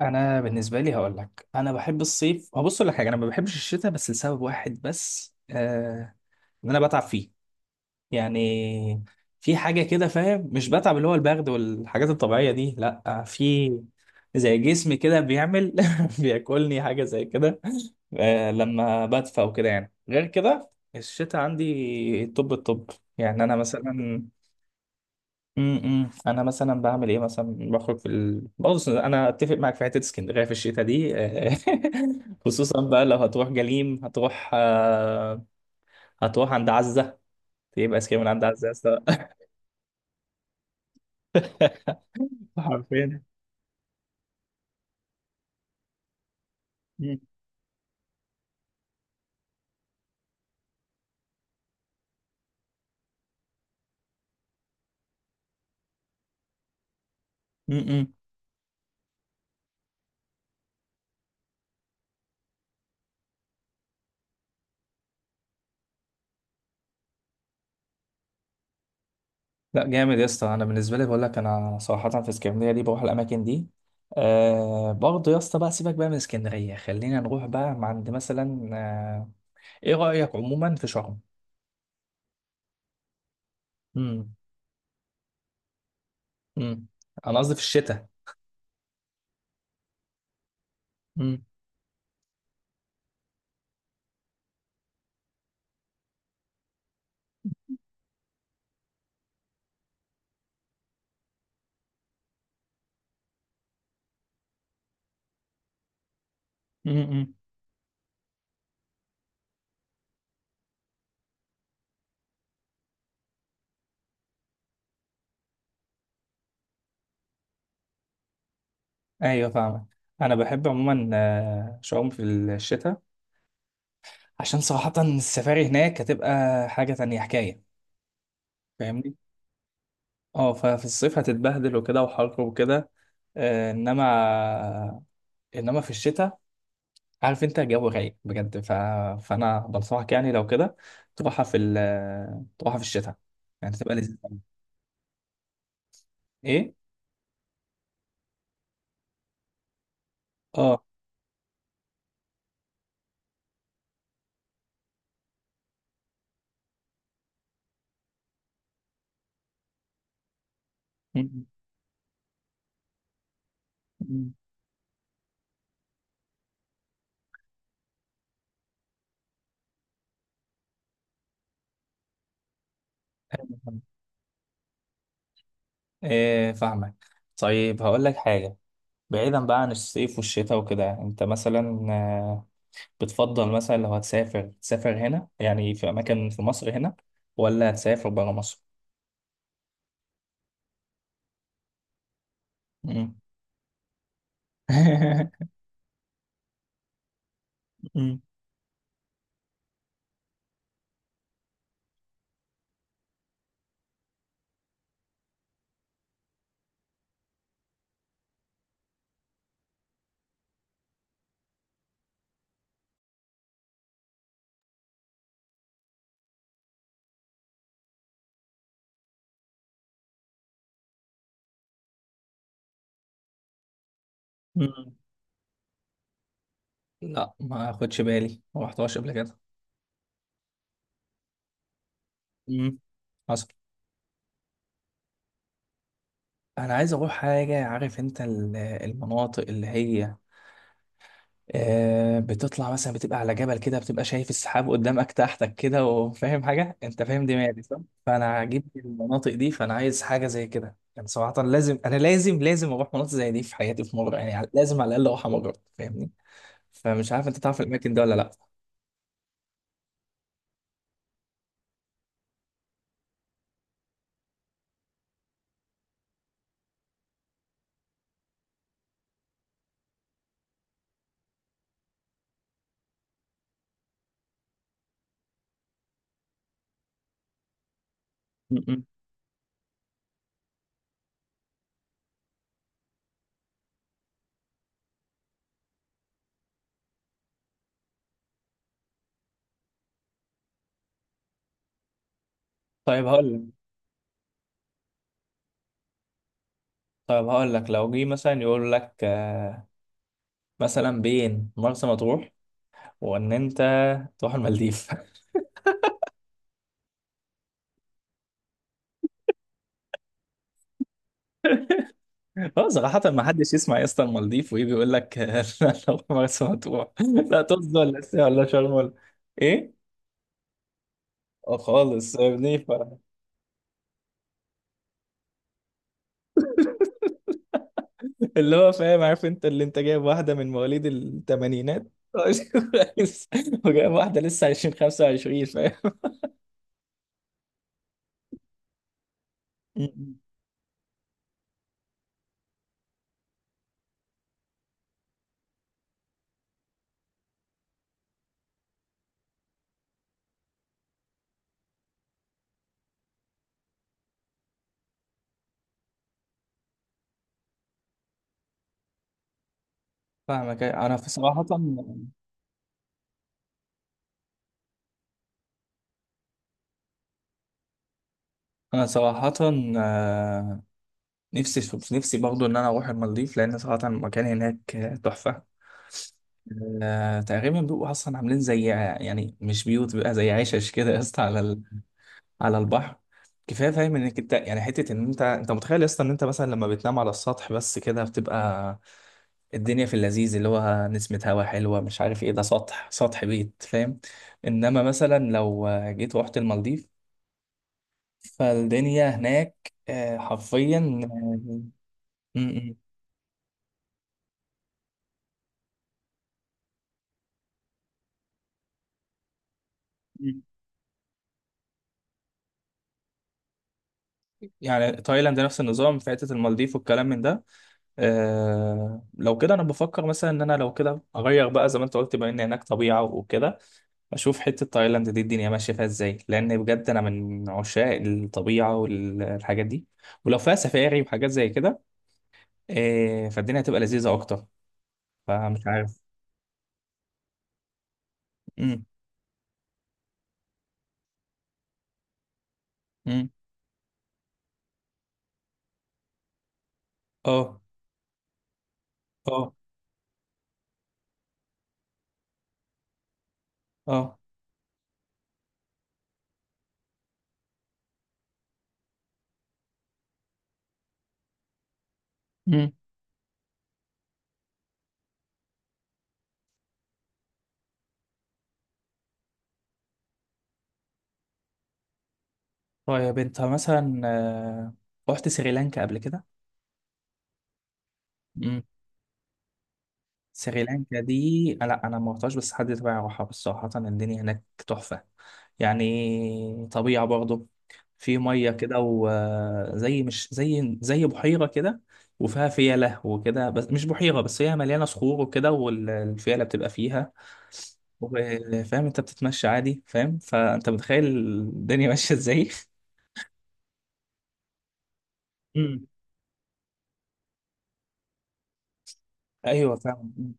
انا بالنسبه لي هقول لك انا بحب الصيف. هبص لك حاجه، انا ما بحبش الشتاء بس لسبب واحد بس، ان انا بتعب فيه. يعني في حاجه كده، فاهم؟ مش بتعب اللي هو البرد والحاجات الطبيعيه دي، لا، في زي جسمي كده بيعمل بياكلني حاجه زي كده لما بدفى وكده. يعني غير كده الشتاء عندي الطب. يعني انا مثلا انا مثلا بعمل ايه مثلا؟ بخرج بص، انا اتفق معاك في حته اسكندريه في الشتاء دي خصوصا بقى لو هتروح جليم، هتروح هتروح عند عزه، تبقى اسكندريه من عند عزه يا اسطى. حرفيا. مم. مم. لا جامد يا اسطى. انا بالنسبه لي بقول لك، انا صراحه في اسكندريه دي بروح الاماكن دي. آه، برضه يا اسطى، بقى سيبك بقى من اسكندريه، خلينا نروح بقى عند مثلا ايه رايك عموما في شرم؟ امم. امم. انا قصدي في الشتاء. امم. امم، امم. ايوه، فاهمك. انا بحب عموما شعوم في الشتاء، عشان صراحة السفاري هناك هتبقى حاجة تانية، حكاية. فاهمني؟ اه ففي الصيف هتتبهدل وكده وحر وكده، آه، انما، انما في الشتاء عارف انت الجو رايق بجد، فانا بنصحك، يعني لو كده تروحها في ال... تروحها في الشتاء، يعني تبقى لذيذة أوي. ايه؟ اه. م- م- م- إيه، فاهمك. طيب هقول لك حاجة، بعيدا بقى عن الصيف والشتاء وكده، انت مثلا آه، بتفضل مثلا لو هتسافر تسافر هنا، يعني في اماكن في مصر هنا، ولا هتسافر برا مصر؟ مم. مم. مم. لا، ما اخدش بالي، ما رحتهاش قبل كده. مم. حصل. انا عايز اروح حاجه، عارف انت المناطق اللي هي آه، بتطلع مثلا بتبقى على جبل كده، بتبقى شايف السحاب قدامك تحتك كده، وفاهم حاجة، انت فاهم دماغي صح؟ فانا عاجبني المناطق دي، فانا عايز حاجة زي كده. يعني صراحة لازم، انا لازم اروح مناطق زي دي في حياتي، في مرة يعني، لازم على الاقل اروح مرة، فاهمني؟ فمش عارف انت تعرف الاماكن دي ولا لا. م- م. طيب هقول لك طيب هقول لك، لو جه مثلا يقول لك آه، مثلا بين مرسى مطروح وان انت تروح المالديف. اه، صراحة ما حدش يسمع يا اسطى المالديف وايه، بيقول لك لا، لو مرسى مطروح، لا طز، ولا الساعة، ولا شرم، ولا. ايه؟ اه خالص يا ابني، ف- اللي هو فاهم، عارف انت اللي انت جايب واحدة من مواليد الثمانينات، وجايب واحدة لسه 20 25 فاهم؟ م-م. فاهمك. انا في صراحة، انا صراحة آه، نفسي، برضه ان انا اروح المالديف. لان صراحة المكان هناك تحفة. آه، تقريبا بيبقوا اصلا عاملين زي، يعني مش بيوت، بيبقى زي عشش كده يا اسطى على البحر. كفايه فاهم انك انت يعني حته ان انت متخيل يا اسطى ان انت مثلا لما بتنام على السطح بس كده، بتبقى الدنيا في اللذيذ اللي هو نسمة هوا حلوة، مش عارف ايه، ده سطح، سطح بيت، فاهم؟ انما مثلا لو جيت رحت المالديف، فالدنيا هناك آه، حرفيا آه، م- م- م. يعني تايلاند نفس النظام في حتة المالديف والكلام من ده. آه لو كده، انا بفكر مثلا ان انا لو كده اغير بقى زي ما انت قلت، بما ان هناك طبيعه وكده، اشوف حته تايلاند دي الدنيا ماشيه فيها ازاي، لان بجد انا من عشاق الطبيعه والحاجات دي، ولو فيها سفاري وحاجات زي كده آه فالدنيا هتبقى لذيذه اكتر. فمش عارف. امم. امم. اه اه اه. امم. طيب انت مثلا رحت سريلانكا قبل كده؟ سريلانكا دي لا، انا ما رحتهاش، بس حد تبعي راحها، بس صراحة الدنيا هناك تحفة. يعني طبيعة برضه، في مية كده وزي، مش زي، زي بحيرة كده، وفيها فيلة وكده، بس مش بحيرة بس، هي مليانة صخور وكده والفيلة بتبقى فيها. وفاهم انت بتتمشى عادي، فاهم؟ فانت متخيل الدنيا ماشية ازاي. مم. ايوه، فاهم.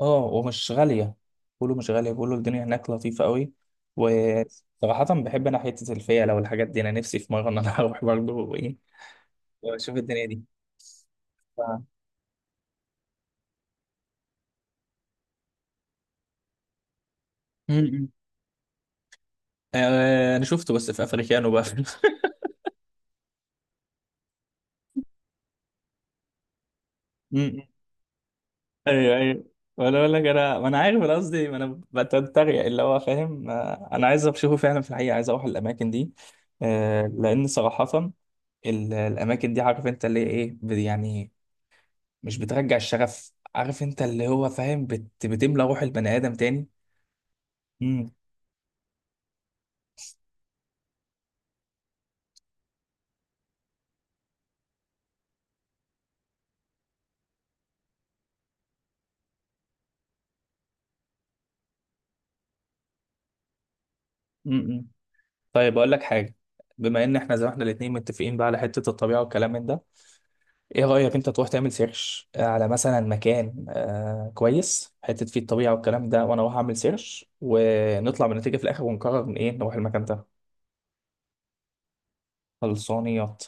اه ومش غالية، بيقولوا مش غالية، بيقولوا الدنيا هناك لطيفة قوي. وصراحة بحب أنا حتة الفيلة والحاجات دي، أنا نفسي في مرة إن أنا أروح برضه، وإيه، وأشوف الدنيا دي. ف... م- م. آه، أنا شفته بس في أفريكانو بقى. م- م. أيوه أيوه. وأنا أقول لك، أنا ما أنا عارف، أنا قصدي ما أنا بتريق اللي هو فاهم، آه، أنا عايز أشوفه فعلا في الحقيقة، عايز أروح الأماكن دي، آه، لأن صراحة الأماكن دي عارف أنت اللي هي إيه، يعني مش بترجع الشغف، عارف انت اللي هو فاهم، بتملى روح البني ادم تاني. امم. امم. طيب اقول لك حاجه، بما ان احنا زي ما احنا الاتنين متفقين بقى على حته الطبيعه والكلام من ده، ايه رايك انت تروح تعمل سيرش على مثلا مكان آه كويس، حته فيه الطبيعه والكلام ده، وانا اروح اعمل سيرش، ونطلع بنتيجه في الاخر، ونقرر من ايه نروح المكان ده. خلصانيات.